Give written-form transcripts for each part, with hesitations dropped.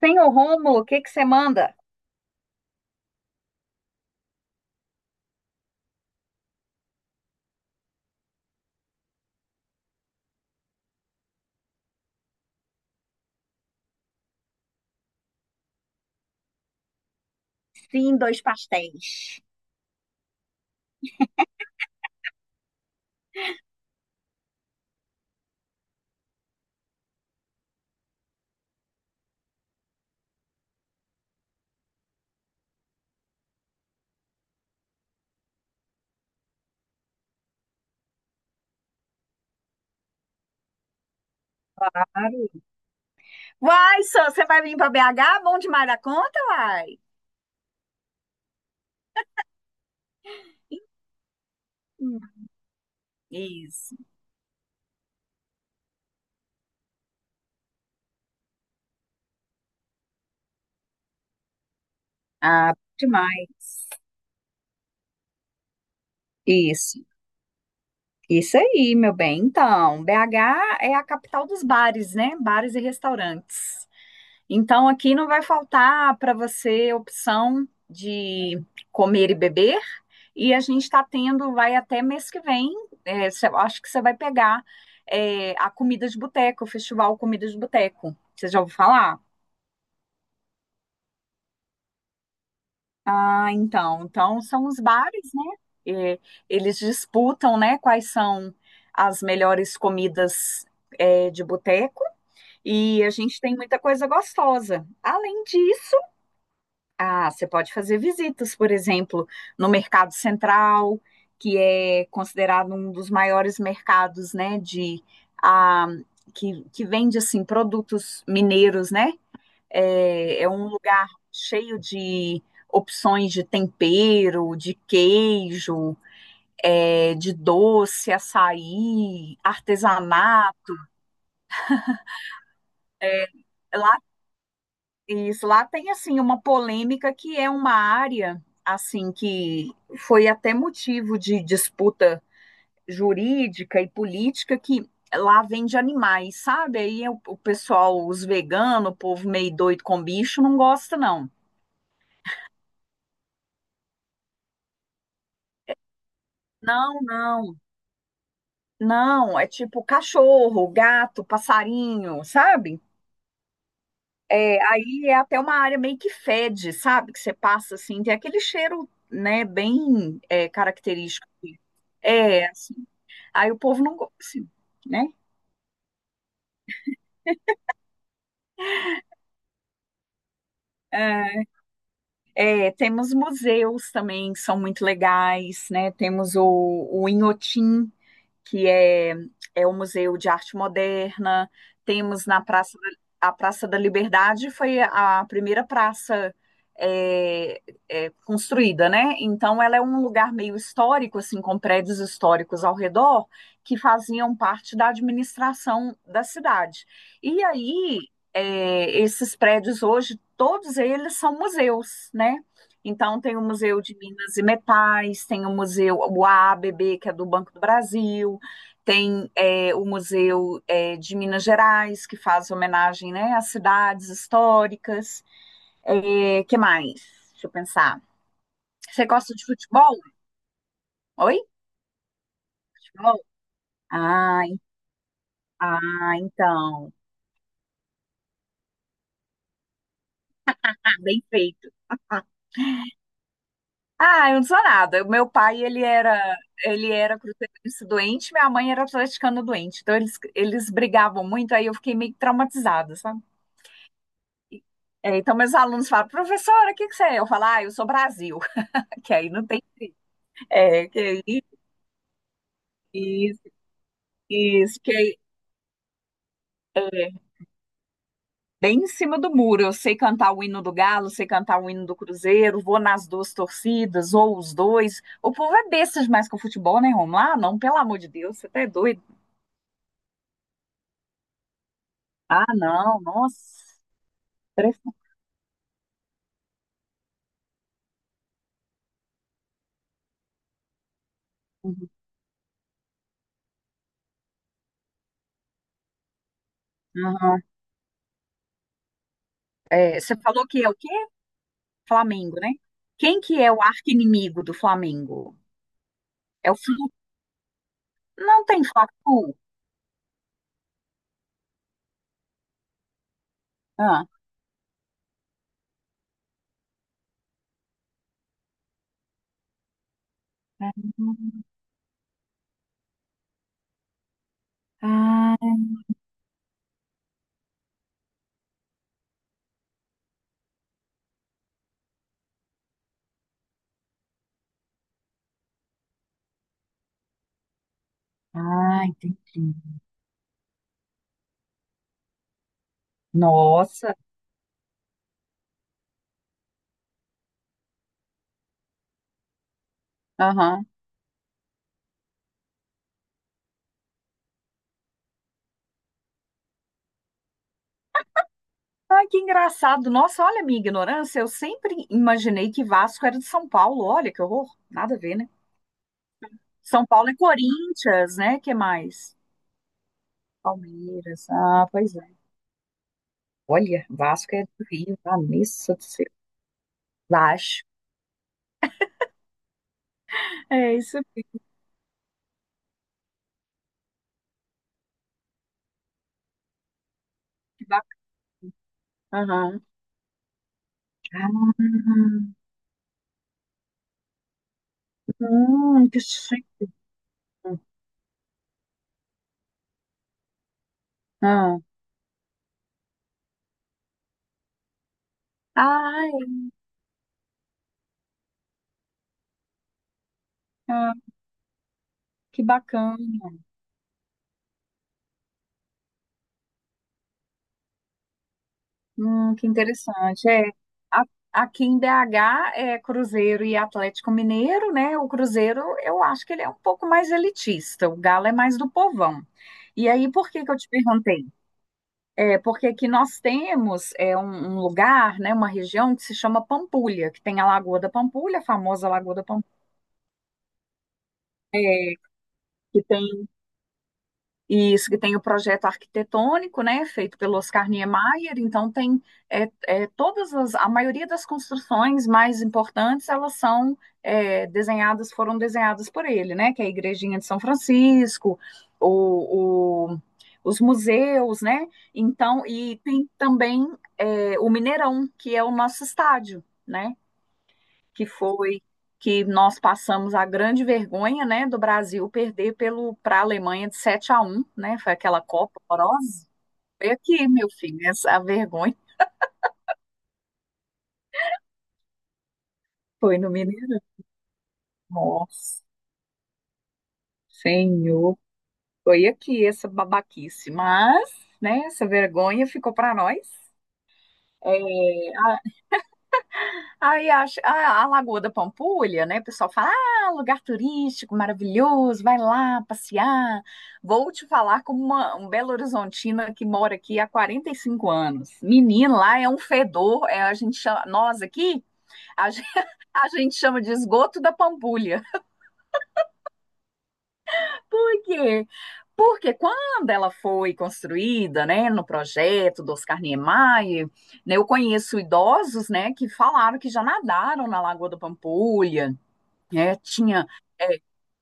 Senhor Rômulo, o que que você manda? Sim, dois pastéis. Claro. Vai, só, você vai vir para BH? Bom demais da conta, vai. Hum. Isso. Ah, bom demais. Isso. Isso aí, meu bem. Então, BH é a capital dos bares, né? Bares e restaurantes. Então, aqui não vai faltar para você opção de comer e beber. E a gente está tendo, vai até mês que vem, eu acho que você vai pegar a Comida de Boteco, o Festival Comida de Boteco. Você já ouviu falar? Ah, então. Então, são os bares, né? É, eles disputam, né, quais são as melhores comidas de boteco. E a gente tem muita coisa gostosa. Além disso, ah, você pode fazer visitas, por exemplo, no Mercado Central, que é considerado um dos maiores mercados, né, de ah, que vende assim produtos mineiros, né? É, é um lugar cheio de opções de tempero, de queijo, de doce, açaí, artesanato. Isso, lá tem assim uma polêmica que é uma área assim que foi até motivo de disputa jurídica e política que lá vende animais, sabe? Aí o pessoal, os veganos, o povo meio doido com bicho, não gosta, não. Não, não, não, é tipo cachorro, gato, passarinho, sabe? É, aí é até uma área meio que fede, sabe? Que você passa assim, tem aquele cheiro, né, bem característico. É, assim, aí o povo não gosta, assim, né? É, é, temos museus também, que são muito legais, né? Temos o Inhotim, que é o Museu de Arte Moderna. Temos na Praça da Liberdade, foi a primeira praça é, construída, né? Então, ela é um lugar meio histórico, assim, com prédios históricos ao redor, que faziam parte da administração da cidade. E aí, esses prédios hoje, todos eles são museus, né? Então, tem o Museu de Minas e Metais, tem o Museu, o A B B, que é do Banco do Brasil, tem o Museu de Minas Gerais, que faz homenagem, né, às cidades históricas. É, que mais? Deixa eu pensar. Você gosta de futebol? Oi? Futebol? Ah, então. Ah, bem feito. Ah, eu não sou nada. O meu pai, ele era cruzeirense doente, minha mãe era atleticana doente. Então, eles brigavam muito, aí eu fiquei meio que traumatizada, sabe? E- então, meus alunos falam, professora, o que que você é? Eu falo, ah, eu sou Brasil, que aí não tem. É, que é isso, isso, que é bem em cima do muro. Eu sei cantar o hino do Galo, sei cantar o hino do Cruzeiro, vou nas duas torcidas, ou os dois. O povo é besta demais com o futebol, né, Romulo? Ah, não, pelo amor de Deus, você tá é doido. Ah, não, nossa. Impressionante. Aham. É, você falou que é o quê? Flamengo, né? Quem que é o arqui-inimigo do Flamengo? É o Flu. Não tem Fla-Flu? Ah. Ah, ah, entendi. Nossa. Aham. Ai, que engraçado. Nossa, olha a minha ignorância. Eu sempre imaginei que Vasco era de São Paulo. Olha que horror. Nada a ver, né? São Paulo é Corinthians, né? Que mais? Palmeiras. Ah, pois é. Olha, Vasco é do Rio. Vanessa do céu. Vasco. É isso aí. Que bacana. Aham. Ah, que chique. Ah. Ai, ah, que bacana. Que interessante. A aqui em BH é Cruzeiro e Atlético Mineiro, né? O Cruzeiro, eu acho que ele é um pouco mais elitista, o Galo é mais do povão. E aí, por que que eu te perguntei? É porque aqui nós temos um lugar, né, uma região que se chama Pampulha, que tem a Lagoa da Pampulha, a famosa Lagoa da Pampulha, que tem isso, que tem o projeto arquitetônico, né, feito pelo Oscar Niemeyer, então tem a maioria das construções mais importantes, elas foram desenhadas por ele, né, que é a Igrejinha de São Francisco, o, o- os museus, né, então, e tem também o Mineirão, que é o nosso estádio, né, que foi que nós passamos a grande vergonha, né, do Brasil perder pelo para a Alemanha de 7-1, né? Foi aquela Copa horrorosa. Foi aqui, meu filho, essa a vergonha foi no Mineirão. Nossa, Senhor, foi aqui essa babaquice, mas, né, essa vergonha ficou para nós. É, aí acho, a Lagoa da Pampulha, né? O pessoal fala, ah, lugar turístico maravilhoso, vai lá passear. Vou te falar como um Belo Horizontina que mora aqui há 45 anos. Menino, lá é um fedor, a gente chama, nós aqui, a gente, a gente chama de esgoto da Pampulha. Por quê? Porque quando ela foi construída, né, no projeto do Oscar Niemeyer, né, eu conheço idosos, né, que falaram que já nadaram na Lagoa da Pampulha. É, tinha é,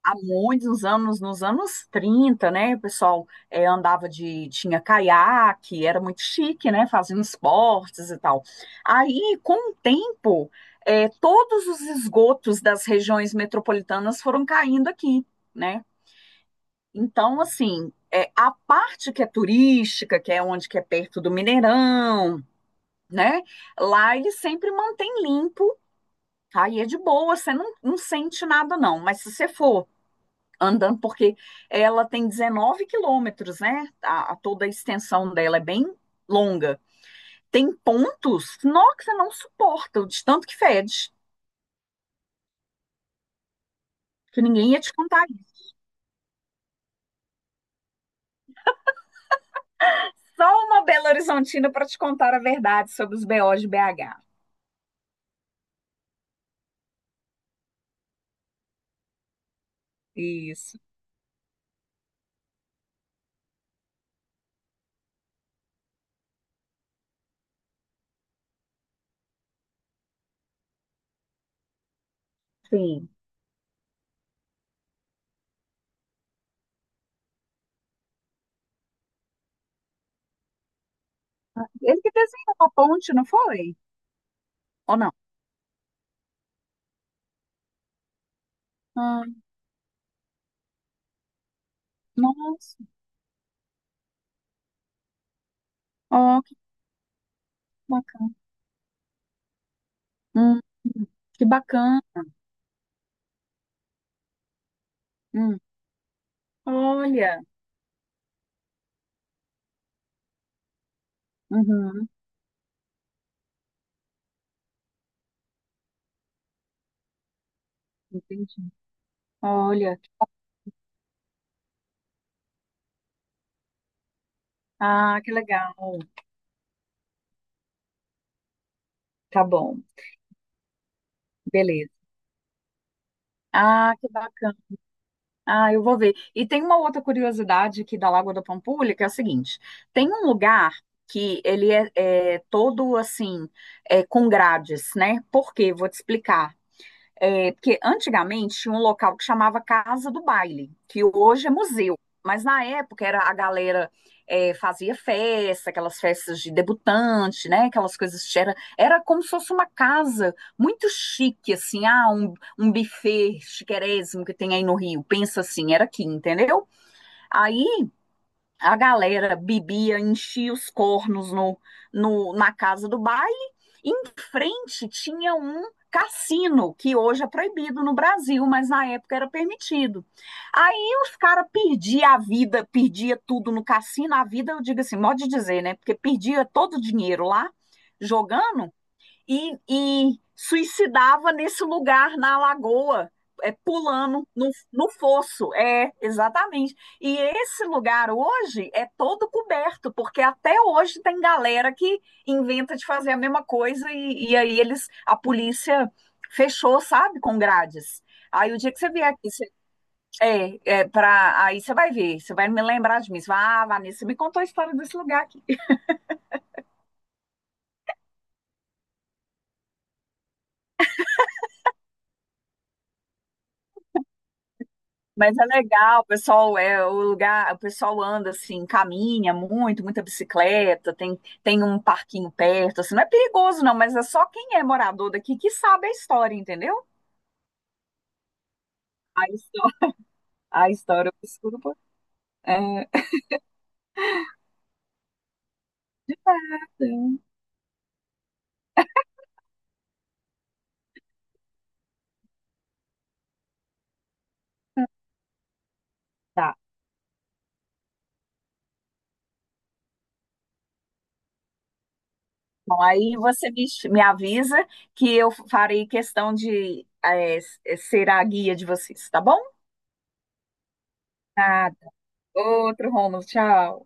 há muitos anos, nos anos 30, né? O pessoal tinha caiaque, era muito chique, né? Fazendo esportes e tal. Aí, com o tempo, todos os esgotos das regiões metropolitanas foram caindo aqui, né? Então, assim, a parte que é turística, que é onde que é perto do Mineirão, né? Lá ele sempre mantém limpo. Aí é de boa, você não sente nada, não. Mas se você for andando, porque ela tem 19 quilômetros, né? A toda a extensão dela é bem longa. Tem pontos nó, que você não suporta, de tanto que fede, que ninguém ia te contar isso. Só uma Belo Horizontina para te contar a verdade sobre os BOs de BH. Isso. Sim. Ele que desenhou a ponte, não foi? Ou não? Ah, nossa, ó, que bacana. Hum, que bacana. Hum, olha. Uhum, entendi. Olha. Ah, que legal. Tá bom. Beleza. Ah, que bacana. Ah, eu vou ver. E tem uma outra curiosidade aqui da Lagoa da Pampulha, que é a seguinte: tem um lugar que ele é todo assim, com grades, né? Por quê? Vou te explicar. É, porque antigamente tinha um local que chamava Casa do Baile, que hoje é museu, mas na época era a galera fazia festa, aquelas festas de debutante, né? Aquelas coisas que era como se fosse uma casa muito chique, assim, ah, um buffet chiquérrimo que tem aí no Rio. Pensa assim, era aqui, entendeu? Aí a galera bebia, enchia os cornos no, no, na casa do baile. Em frente tinha um cassino, que hoje é proibido no Brasil, mas na época era permitido. Aí os caras perdiam a vida, perdia tudo no cassino. A vida, eu digo assim, modo de dizer, né? Porque perdia todo o dinheiro lá, jogando e suicidava nesse lugar na lagoa, pulando no fosso. É, exatamente. E esse lugar hoje é todo coberto, porque até hoje tem galera que inventa de fazer a mesma coisa e aí eles, a polícia fechou, sabe, com grades. Aí o dia que você vier aqui, você, aí você vai ver, você vai me lembrar de mim. Você vai, ah, Vanessa, você me contou a história desse lugar. Mas é legal, o pessoal é o lugar, o pessoal anda assim, caminha muito, muita bicicleta, tem um parquinho perto, assim, não é perigoso não, mas é só quem é morador daqui que sabe a história, entendeu? A história, a história obscura, pô. É, é, tá. Bom, aí você me avisa que eu farei questão de ser a guia de vocês, tá bom? Nada. Outro Romulo, tchau.